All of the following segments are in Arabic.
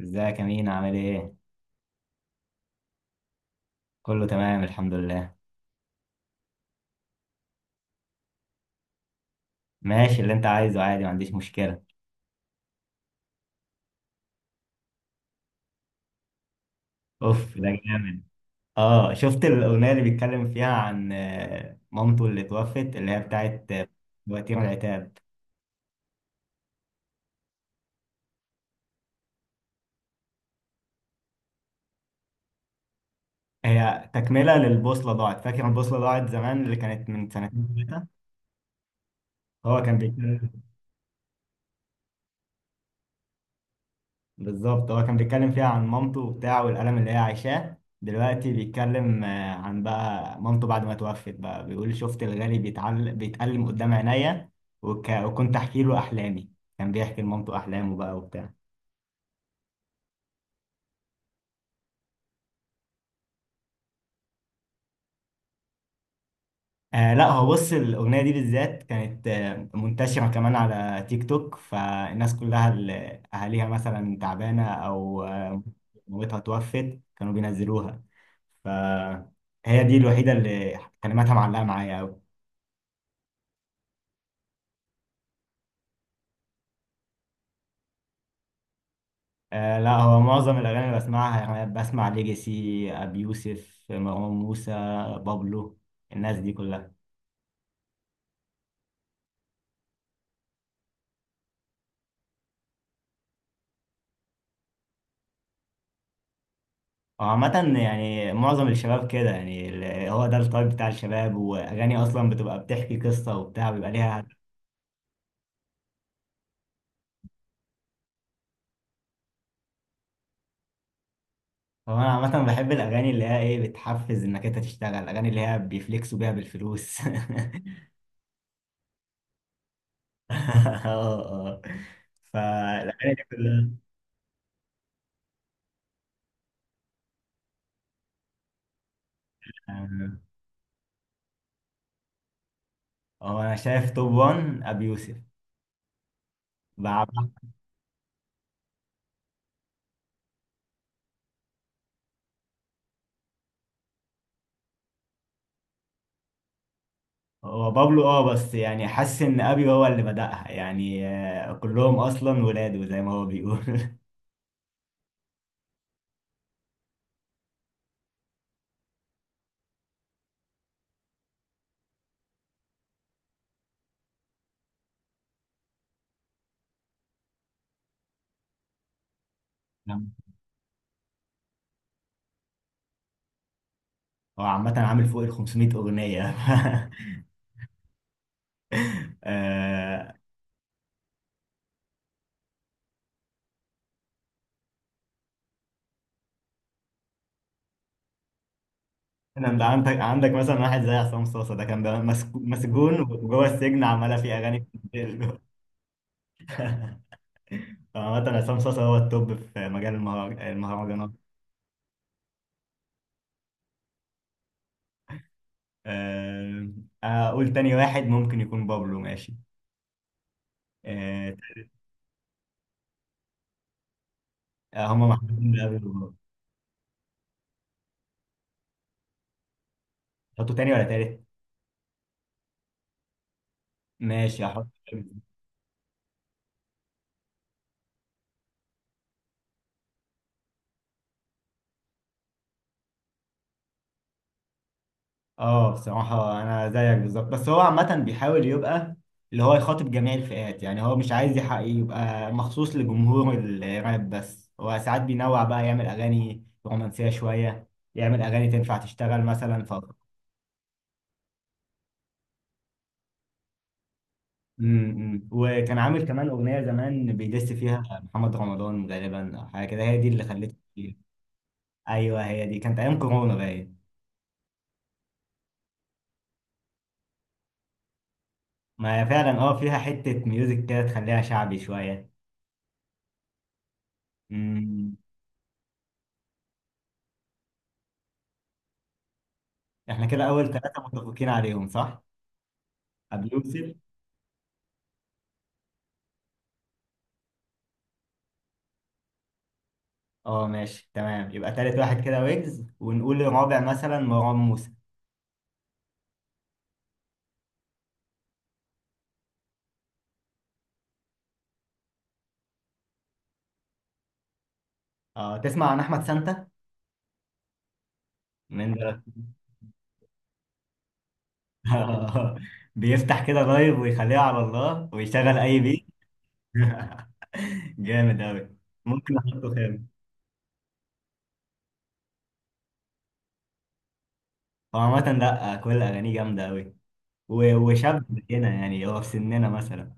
ازيك يا مين، عامل ايه؟ كله تمام، الحمد لله. ماشي، اللي انت عايزه عادي، ما عنديش مشكلة. اوف، ده جامد. اه، شفت الأغنية اللي بيتكلم فيها عن مامته اللي توفت، اللي هي بتاعت وتيرة العتاب. هي تكملة للبوصلة ضاعت، فاكر البوصلة ضاعت زمان اللي كانت من سنتين ثلاثة. هو كان بيتكلم. بالظبط، هو كان بيتكلم فيها عن مامته وبتاع والألم اللي هي عايشاه دلوقتي. بيتكلم عن بقى مامته بعد ما توفت بقى، بيقول شفت الغالي بيتألم قدام عينيا. وكنت أحكي له أحلامي. كان بيحكي لمامته أحلامه بقى وبتاع. آه لا، هو بص، الأغنية دي بالذات كانت منتشرة كمان على تيك توك، فالناس كلها اللي أهاليها مثلا تعبانة أو مامتها توفت كانوا بينزلوها. فهي دي الوحيدة اللي كلماتها معلقة معايا أوي. آه لا، هو معظم الأغاني اللي بسمعها يعني بسمع ليجاسي، أبي يوسف، مروان موسى، بابلو، الناس دي كلها. هو عامة يعني معظم الشباب كده، يعني هو ده التايب بتاع الشباب، وأغاني أصلا بتبقى بتحكي قصة وبتاع بيبقى ليها. هو أنا عامة بحب الأغاني اللي هي إيه، بتحفز إنك أنت تشتغل، الأغاني اللي هي بيفلكسوا بيها بالفلوس. اه. اه. فالأغاني دي كلها. آه، هو أنا شايف توب 1 أبي يوسف. هو بابلو، اه، بس يعني حاسس ان ابي هو اللي بدأها، يعني كلهم اصلا ولاده زي ما هو بيقول. نعم. هو عامة عامل فوق ال 500 اغنية. آه، انا عندك مثلا واحد زي عصام صاصا، ده كان بقى مسجون وجوه السجن عمالة فيه اغاني بتتقال. فعامة عصام صاصا هو التوب في مجال المهرجانات. آه، اقول تاني واحد ممكن يكون بابلو، ماشي. آه، هما محبوبين بابلو. حطوا تاني ولا تالت؟ ماشي، هحط. اه بصراحة أنا زيك بالظبط، بس هو عامة بيحاول يبقى اللي هو يخاطب جميع الفئات، يعني هو مش عايز يحقق يبقى مخصوص لجمهور الراب بس، هو ساعات بينوع بقى، يعمل أغاني رومانسية شوية، يعمل أغاني تنفع تشتغل مثلا ف... وكان عامل كمان أغنية زمان بيدس فيها محمد رمضان غالبا أو حاجة كده، هي دي اللي خلته كتير. أيوه، هي دي كانت أيام كورونا باين. ما هي فعلا، اه، فيها حتة ميوزك كده تخليها شعبي شوية. احنا كده اول ثلاثة متفقين عليهم، صح؟ ابو يوسف. اه ماشي تمام، يبقى تالت واحد كده ويجز، ونقول الرابع مثلا مروان موسى. اه، تسمع عن احمد سانتا؟ من ده. بيفتح كده لايف ويخليها على الله ويشغل اي بيت. جامد اوي. ممكن احطه خامس. هو عامة لا، كل اغانيه جامدة اوي. وشاب هنا، يعني هو في سننا مثلا.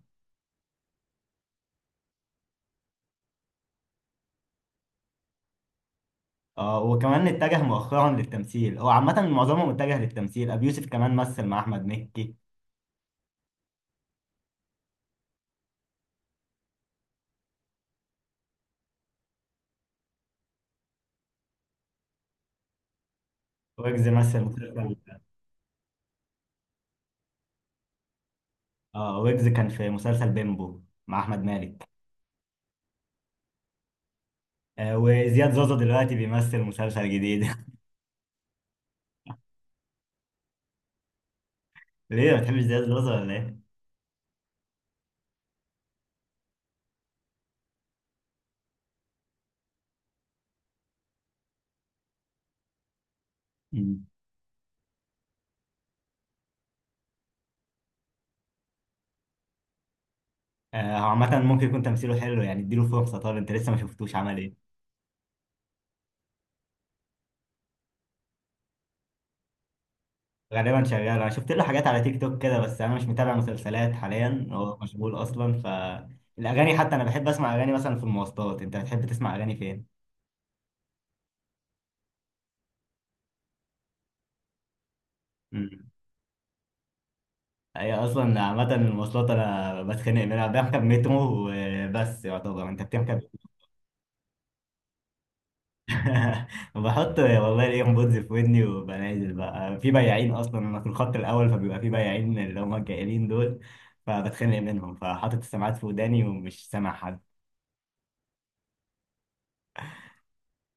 اه، وكمان اتجه مؤخرا للتمثيل. هو عامة معظمهم اتجه للتمثيل، ابو يوسف كمان مثل مع احمد مكي. ويجز مثل مسلسل. اه، ويجز كان في مسلسل بيمبو مع احمد مالك. آه، وزياد زوزو دلوقتي بيمثل مسلسل جديد. ليه ما بتحبش زياد زوزو، ولا ايه؟ مم. آه، هو عامة ممكن يكون تمثيله حلو، يعني اديله فرصة. طب انت لسه ما شفتوش عمل ايه؟ غالبا شغال، انا شفت له حاجات على تيك توك كده، بس انا مش متابع مسلسلات حاليا. هو مشغول اصلا ف الاغاني. حتى انا بحب اسمع اغاني مثلا في المواصلات. انت بتحب تسمع اغاني فين؟ مم. هي اصلا عامة المواصلات انا بتخانق منها. بركب مترو وبس، يعتبر انت بتركب. بحط والله الايربودز في ودني، وببقى نازل بقى في بياعين، اصلا انا في الخط الاول فبيبقى في بياعين اللي هم الجائلين دول. فبتخانق منهم، فحاطط السماعات في وداني ومش سامع حد.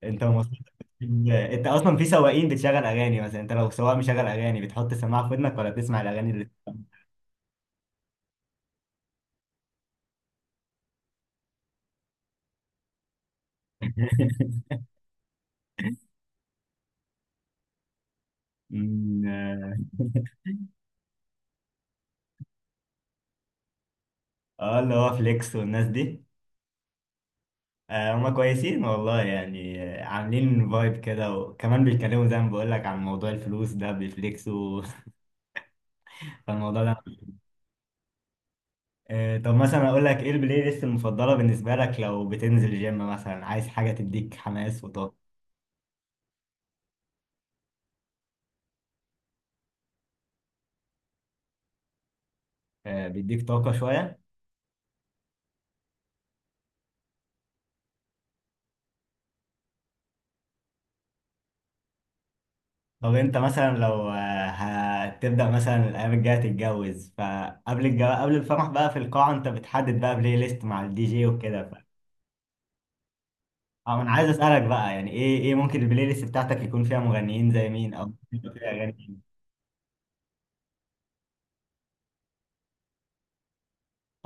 انت ومواصلاتك. بتجيب- انت اصلا في سواقين بتشغل اغاني مثلا؟ انت لو سواق مشغل اغاني، بتحط السماعه في ودنك ولا بتسمع الاغاني اللي... اه. اللي هو فليكس والناس دي. هما كويسين والله، يعني عاملين فايب كده، وكمان بيتكلموا زي ما بقول لك عن موضوع الفلوس ده بيفليكسوا. فالموضوع ده. طب مثلا اقول لك ايه البلاي ليست المفضله بالنسبه لك لو بتنزل جيم مثلا، عايز حاجه تديك حماس وطاقه؟ بيديك طاقه شويه. طب انت مثلا لو هتبدا مثلا الايام الجايه تتجوز، قبل الفرح بقى في القاعه، انت بتحدد بقى بلاي ليست مع الدي جي وكده ف... انا عايز اسالك بقى، يعني ايه ممكن البلاي ليست بتاعتك يكون فيها مغنيين زي مين، او ممكن يبقى فيها اغاني مين؟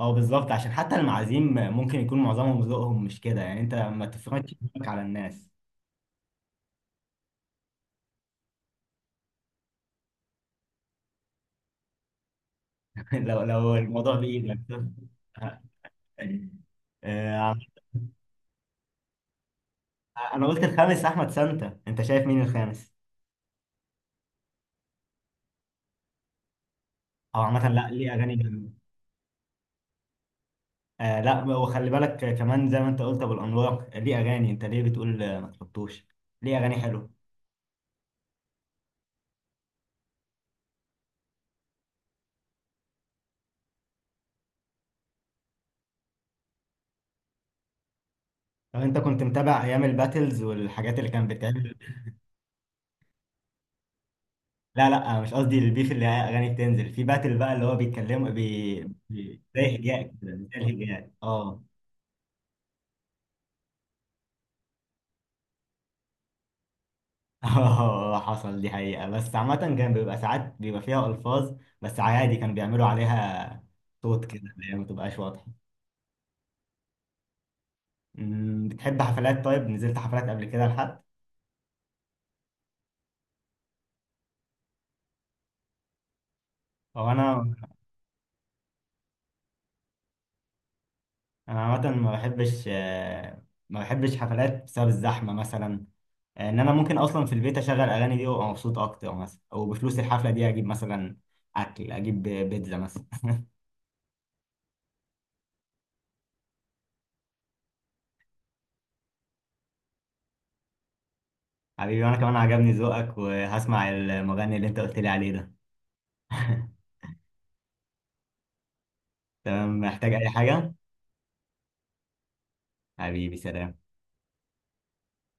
اه بالظبط، عشان حتى المعازيم ممكن يكون معظمهم ذوقهم مش كده، يعني انت ما تفرضش ذوقك على الناس. لو الموضوع بإيدك. آه، آه، انا قلت الخامس احمد سانتا، انت شايف مين الخامس؟ او عامه لا، ليه اغاني جامده. آه لا، وخلي بالك كمان زي ما انت قلت ابو الانوار ليه اغاني. انت ليه بتقول ما تحطوش؟ ليه اغاني حلوه. لو انت كنت متابع ايام الباتلز والحاجات اللي كانت بتعمل. لا لا، مش قصدي البيف اللي هي اغاني بتنزل في باتل بقى اللي هو بيتكلموا زي هجاء كده، زي الهجاء. اه، اه حصل، دي حقيقة، بس عامة كان بيبقى ساعات بيبقى فيها ألفاظ، بس عادي كان بيعملوا عليها صوت كده اللي هي ما تبقاش واضحة. بتحب حفلات؟ طيب، نزلت حفلات قبل كده لحد... هو أنا، أنا عامة ما بحبش ما بحبش حفلات بسبب الزحمة مثلا. إن أنا ممكن أصلا في البيت أشغل أغاني دي وأبقى مبسوط أكتر مثلا، أو بفلوس الحفلة دي أجيب مثلا أكل، أجيب بيتزا مثلا. حبيبي، وأنا كمان عجبني ذوقك وهسمع المغني اللي أنت قلت لي عليه ده. تمام، محتاج أي حاجة؟ حبيبي، سلام.